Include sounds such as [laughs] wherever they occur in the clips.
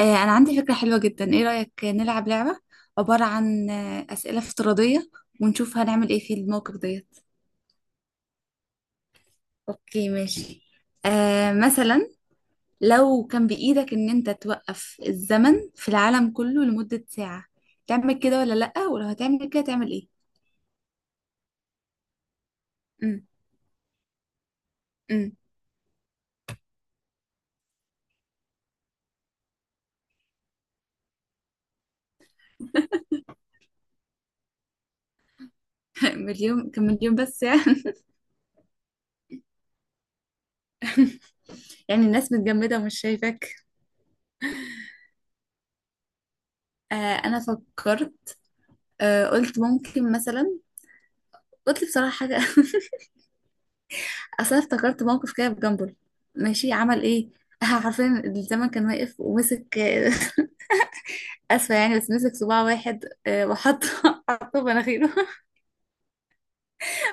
أنا عندي فكرة حلوة جدا. إيه رأيك نلعب لعبة عبارة عن أسئلة افتراضية ونشوف هنعمل إيه في الموقف ديت؟ أوكي ماشي. مثلا، لو كان بإيدك إن أنت توقف الزمن في العالم كله لمدة ساعة تعمل كده ولا لأ، ولو هتعمل كده تعمل إيه؟ أم، أم. [laughs] مليون كان مليون بس يعني. [laughs] يعني الناس متجمدة ومش شايفاك؟ آه. أنا فكرت، قلت ممكن مثلا، قلت بصراحة حاجة. [laughs] اصل أنا افتكرت موقف كده في جنبل، ماشي عمل ايه. [laughs] عارفين الزمن كان واقف ومسك [laughs] اسفه يعني بس مسك صباع واحد، وحط [laughs] حطه في مناخيره. [laughs]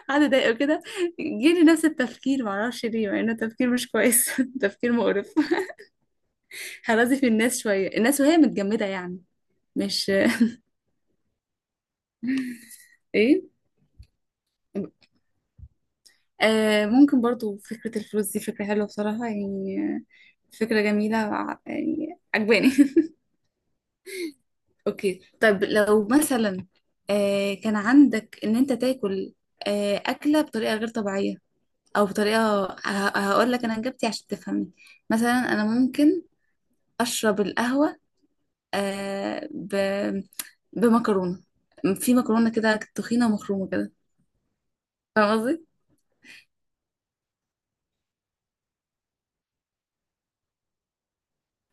قعد يضايقه كده، جيلي نفس التفكير، معرفش ليه، مع انه تفكير مش كويس. [laughs] تفكير مقرف. [laughs] هرازي في الناس شويه، الناس وهي متجمده يعني. مش. [laughs] ايه. ممكن برضو فكرة الفلوس دي فكرة حلوة بصراحة يعني فكرة جميلة يعني عجباني. اوكي طيب، لو مثلا كان عندك ان انت تاكل اكله بطريقه غير طبيعيه، او بطريقه هقول لك انا اجابتي عشان تفهمني. مثلا انا ممكن اشرب القهوه آه ب... بمكرونه، في مكرونه كده تخينه ومخرومه كده. فاهم قصدي؟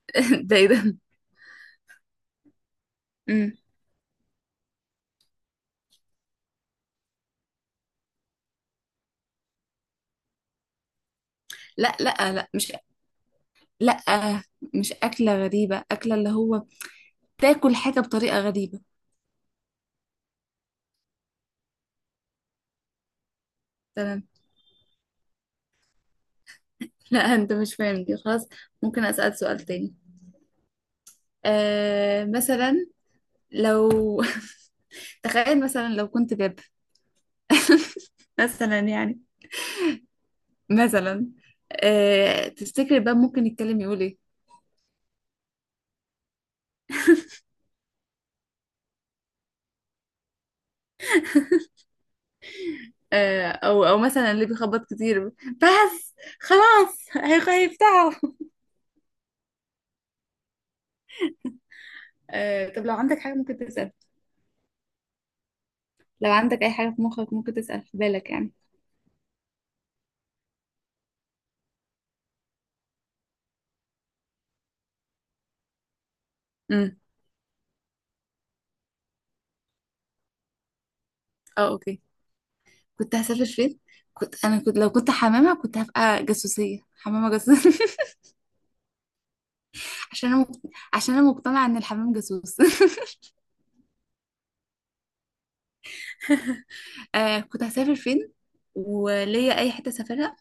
[laughs] ده ايه ده؟ مم. لا لا لا مش، لا مش اكله غريبه، اكله اللي هو تاكل حاجه بطريقه غريبه. تمام. [laughs] لا انت مش فاهم دي، خلاص ممكن اسال سؤال تاني. مثلا لو [laughs] تخيل مثلا لو كنت باب [laughs] مثلا يعني، مثلا، تفتكر الباب ممكن يتكلم يقول ايه؟ او مثلا اللي بيخبط كتير، بس خلاص هيفتحوا. طب لو عندك حاجة ممكن تسأل، لو عندك اي حاجة في مخك ممكن تسأل في بالك يعني. امم. اه اوكي. كنت هسافر فين، كنت انا كنت لو كنت حمامة كنت هبقى جاسوسية، حمامة جاسوسية. [laughs] عشان انا مقت- عشان انا مقتنعة ان الحمام جاسوس. [laughs] كنت هسافر فين، وليا اي حته سافرها.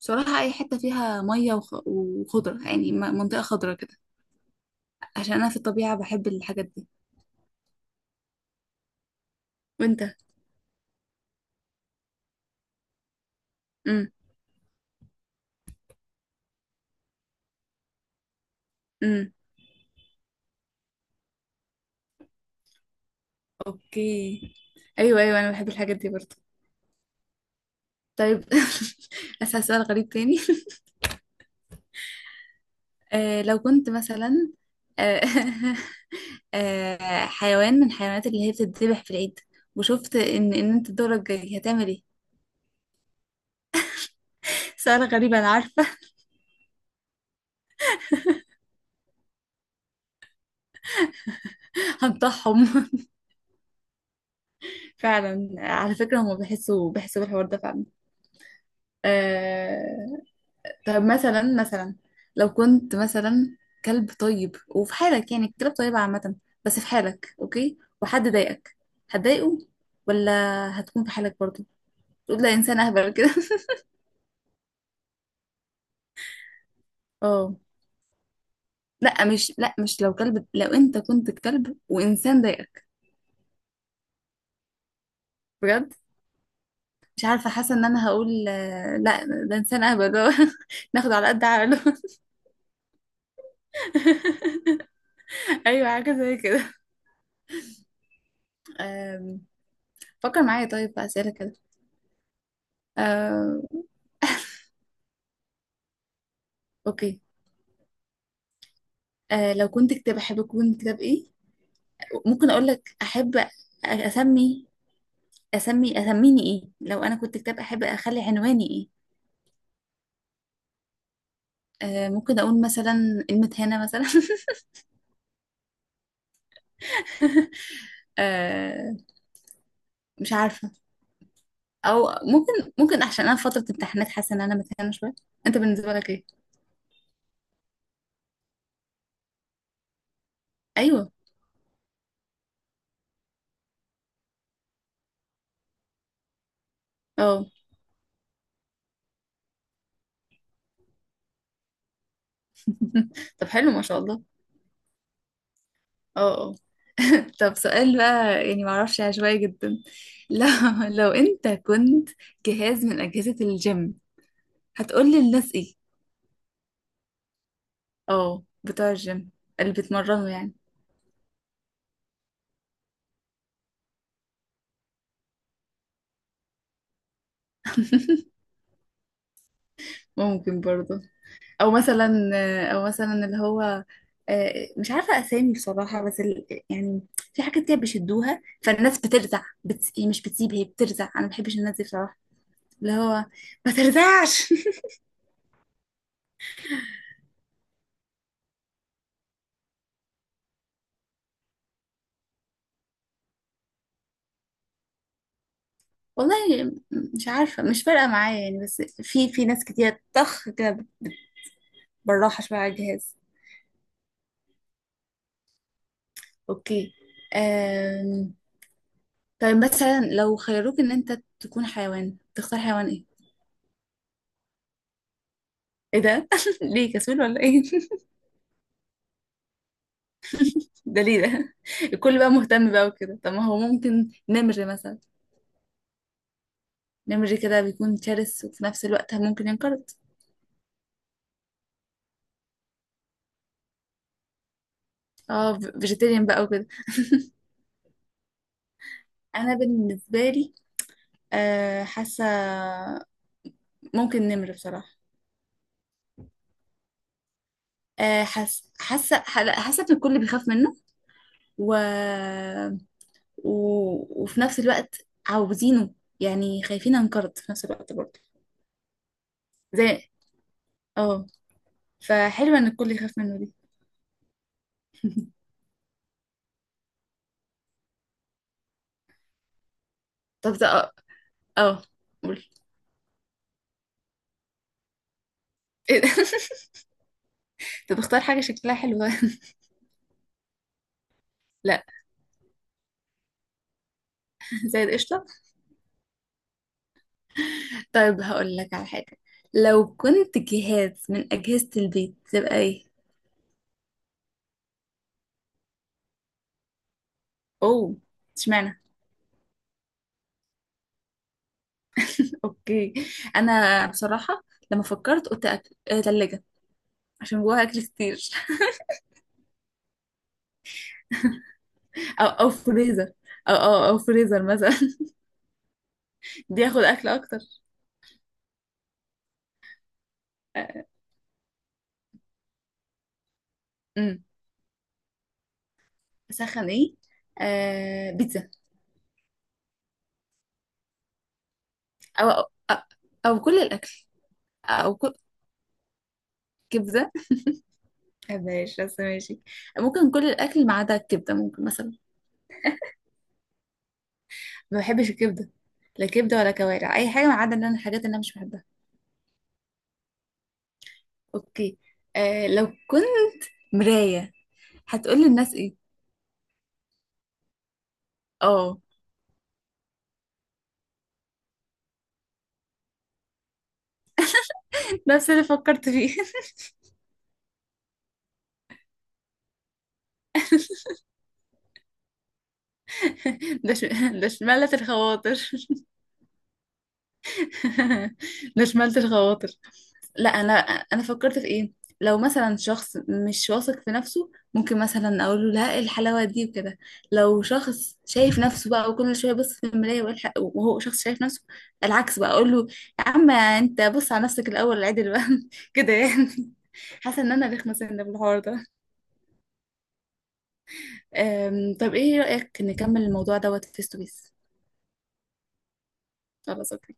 بصراحه اي حته فيها ميه وخضره يعني، منطقه خضره كده، عشان انا في الطبيعه بحب الحاجات دي. وانت؟ امم. امم. اوكي. ايوه ايوه، انا بحب الحاجات دي برضه. طيب، [laughs] اسال سؤال غريب تاني. [laughs] لو كنت مثلا آه [laughs] حيوان من الحيوانات اللي هي بتتذبح في العيد، وشفت ان انت دورك جاي، هتعمل ايه؟ [laughs] سؤال غريب انا عارفه. [laughs] هنطحهم. فعلا على فكرة هما بيحسوا، بالحوار ده فعلا. آه... طب مثلا، لو كنت مثلا كلب طيب وفي حالك، يعني الكلاب طيبة عامة، بس في حالك اوكي وحد ضايقك، هتضايقه ولا هتكون في حالك برضه، تقول لا انسان اهبل كده؟ [laughs] اه. لا مش لو كلب، لو انت كنت كلب وانسان ضايقك، بجد مش عارفة، حاسة ان انا هقول لا ده انسان اهبل. [laughs] ناخد على قد عقله. [laughs] ايوه حاجة زي كده. فكر معايا طيب في أسئلة كده. آه، أوكي. لو كنت كتاب أحب أكون كتاب إيه؟ ممكن أقول لك أحب أسمي، أسميني إيه لو أنا كنت كتاب، أحب أخلي عنواني إيه. ممكن أقول مثلا المتهانة مثلا. [laughs] آه، مش عارفة. أو ممكن ممكن عشان أنا في فترة امتحانات حاسة إن أنا متهانة شوية. أنت بالنسبة لك إيه؟ أيوه. أه. [laughs] طب حلو ما شاء الله. أه أه. [laughs] طب سؤال بقى يعني معرفش، عشوائي جدا. [laughs] لو لو انت كنت جهاز من أجهزة الجيم، هتقولي الناس ايه؟ اه، بتوع الجيم، اللي بيتمرنوا يعني. ممكن برضه. او مثلا او مثلا اللي هو مش عارفة أسامي بصراحة، بس يعني في حاجات كده بيشدوها، فالناس بترزع هي مش بتسيب، هي بترزع. أنا ما بحبش الناس دي بصراحة. اللي هو ما ترزعش. [laughs] والله مش عارفة، مش فارقة معايا يعني، بس في ناس كتير طخ كده، بالراحة شوية على الجهاز. اوكي. أم... طيب مثلا لو خيروك ان انت تكون حيوان، تختار حيوان ايه؟ ايه ده؟ [laughs] ليه كسول ولا ايه؟ [laughs] ده ليه ده؟ الكل بقى مهتم بقى وكده، طب ما هو ممكن نمر مثلا، نمر كده بيكون شرس وفي نفس الوقت ممكن ينقرض. اه، فيجيتيريان بقى وكده. انا بالنسبة لي أه، حاسة ممكن نمر بصراحة. أه حاسة، لا، حاسة ان الكل بيخاف منه، و وفي نفس الوقت عاوزينه، يعني خايفين انقرض في نفس الوقت برضه. زي، اه، فحلوة ان الكل يخاف منه دي. طب ده اه، اه، قول. إيه ده؟ [laughs] طب اختار حاجة شكلها حلو. [laughs] لا، زي القشطة. طيب هقول لك على حاجة، لو كنت جهاز من أجهزة البيت تبقى ايه؟ اوه، اشمعنى. اوكي. انا بصراحة، لما فكرت قلت أكل، تلاجة، عشان جواها اكل كتير. [laughs] او فريزر، او فريزر مثلا. [laughs] بياخد اكل اكتر. امم. اسخن ايه؟ بيتزا. او او, أو كل الاكل، او كل، كبده ما بحبهاش بس ماشي، ممكن كل الاكل ما عدا الكبده، ممكن مثلا، ما بحبش الكبده، لا كبده ولا كوارع اي حاجه ما عدا ان انا الحاجات اللي انا مش بحبها. اوكي. لو كنت مرايه هتقول للناس ايه؟ اه، نفس اللي فكرت فيه. [laughs] ده ش... ده شمالة الخواطر. [laughs] ده شمالة الخواطر. لا، انا فكرت في ايه. لو مثلا شخص مش واثق في نفسه، ممكن مثلا اقول له لا، إيه الحلاوه دي وكده. لو شخص شايف نفسه بقى، وكل شويه بص في المرايه وهو شخص شايف نفسه، العكس بقى اقول له يا عم انت، بص على نفسك الاول، عدل بقى. [laughs] كده يعني. حاسه ان انا رخمه سنه في الحوار ده. طب ايه رايك نكمل الموضوع دوت فيس تو فيس؟ خلاص أوكي.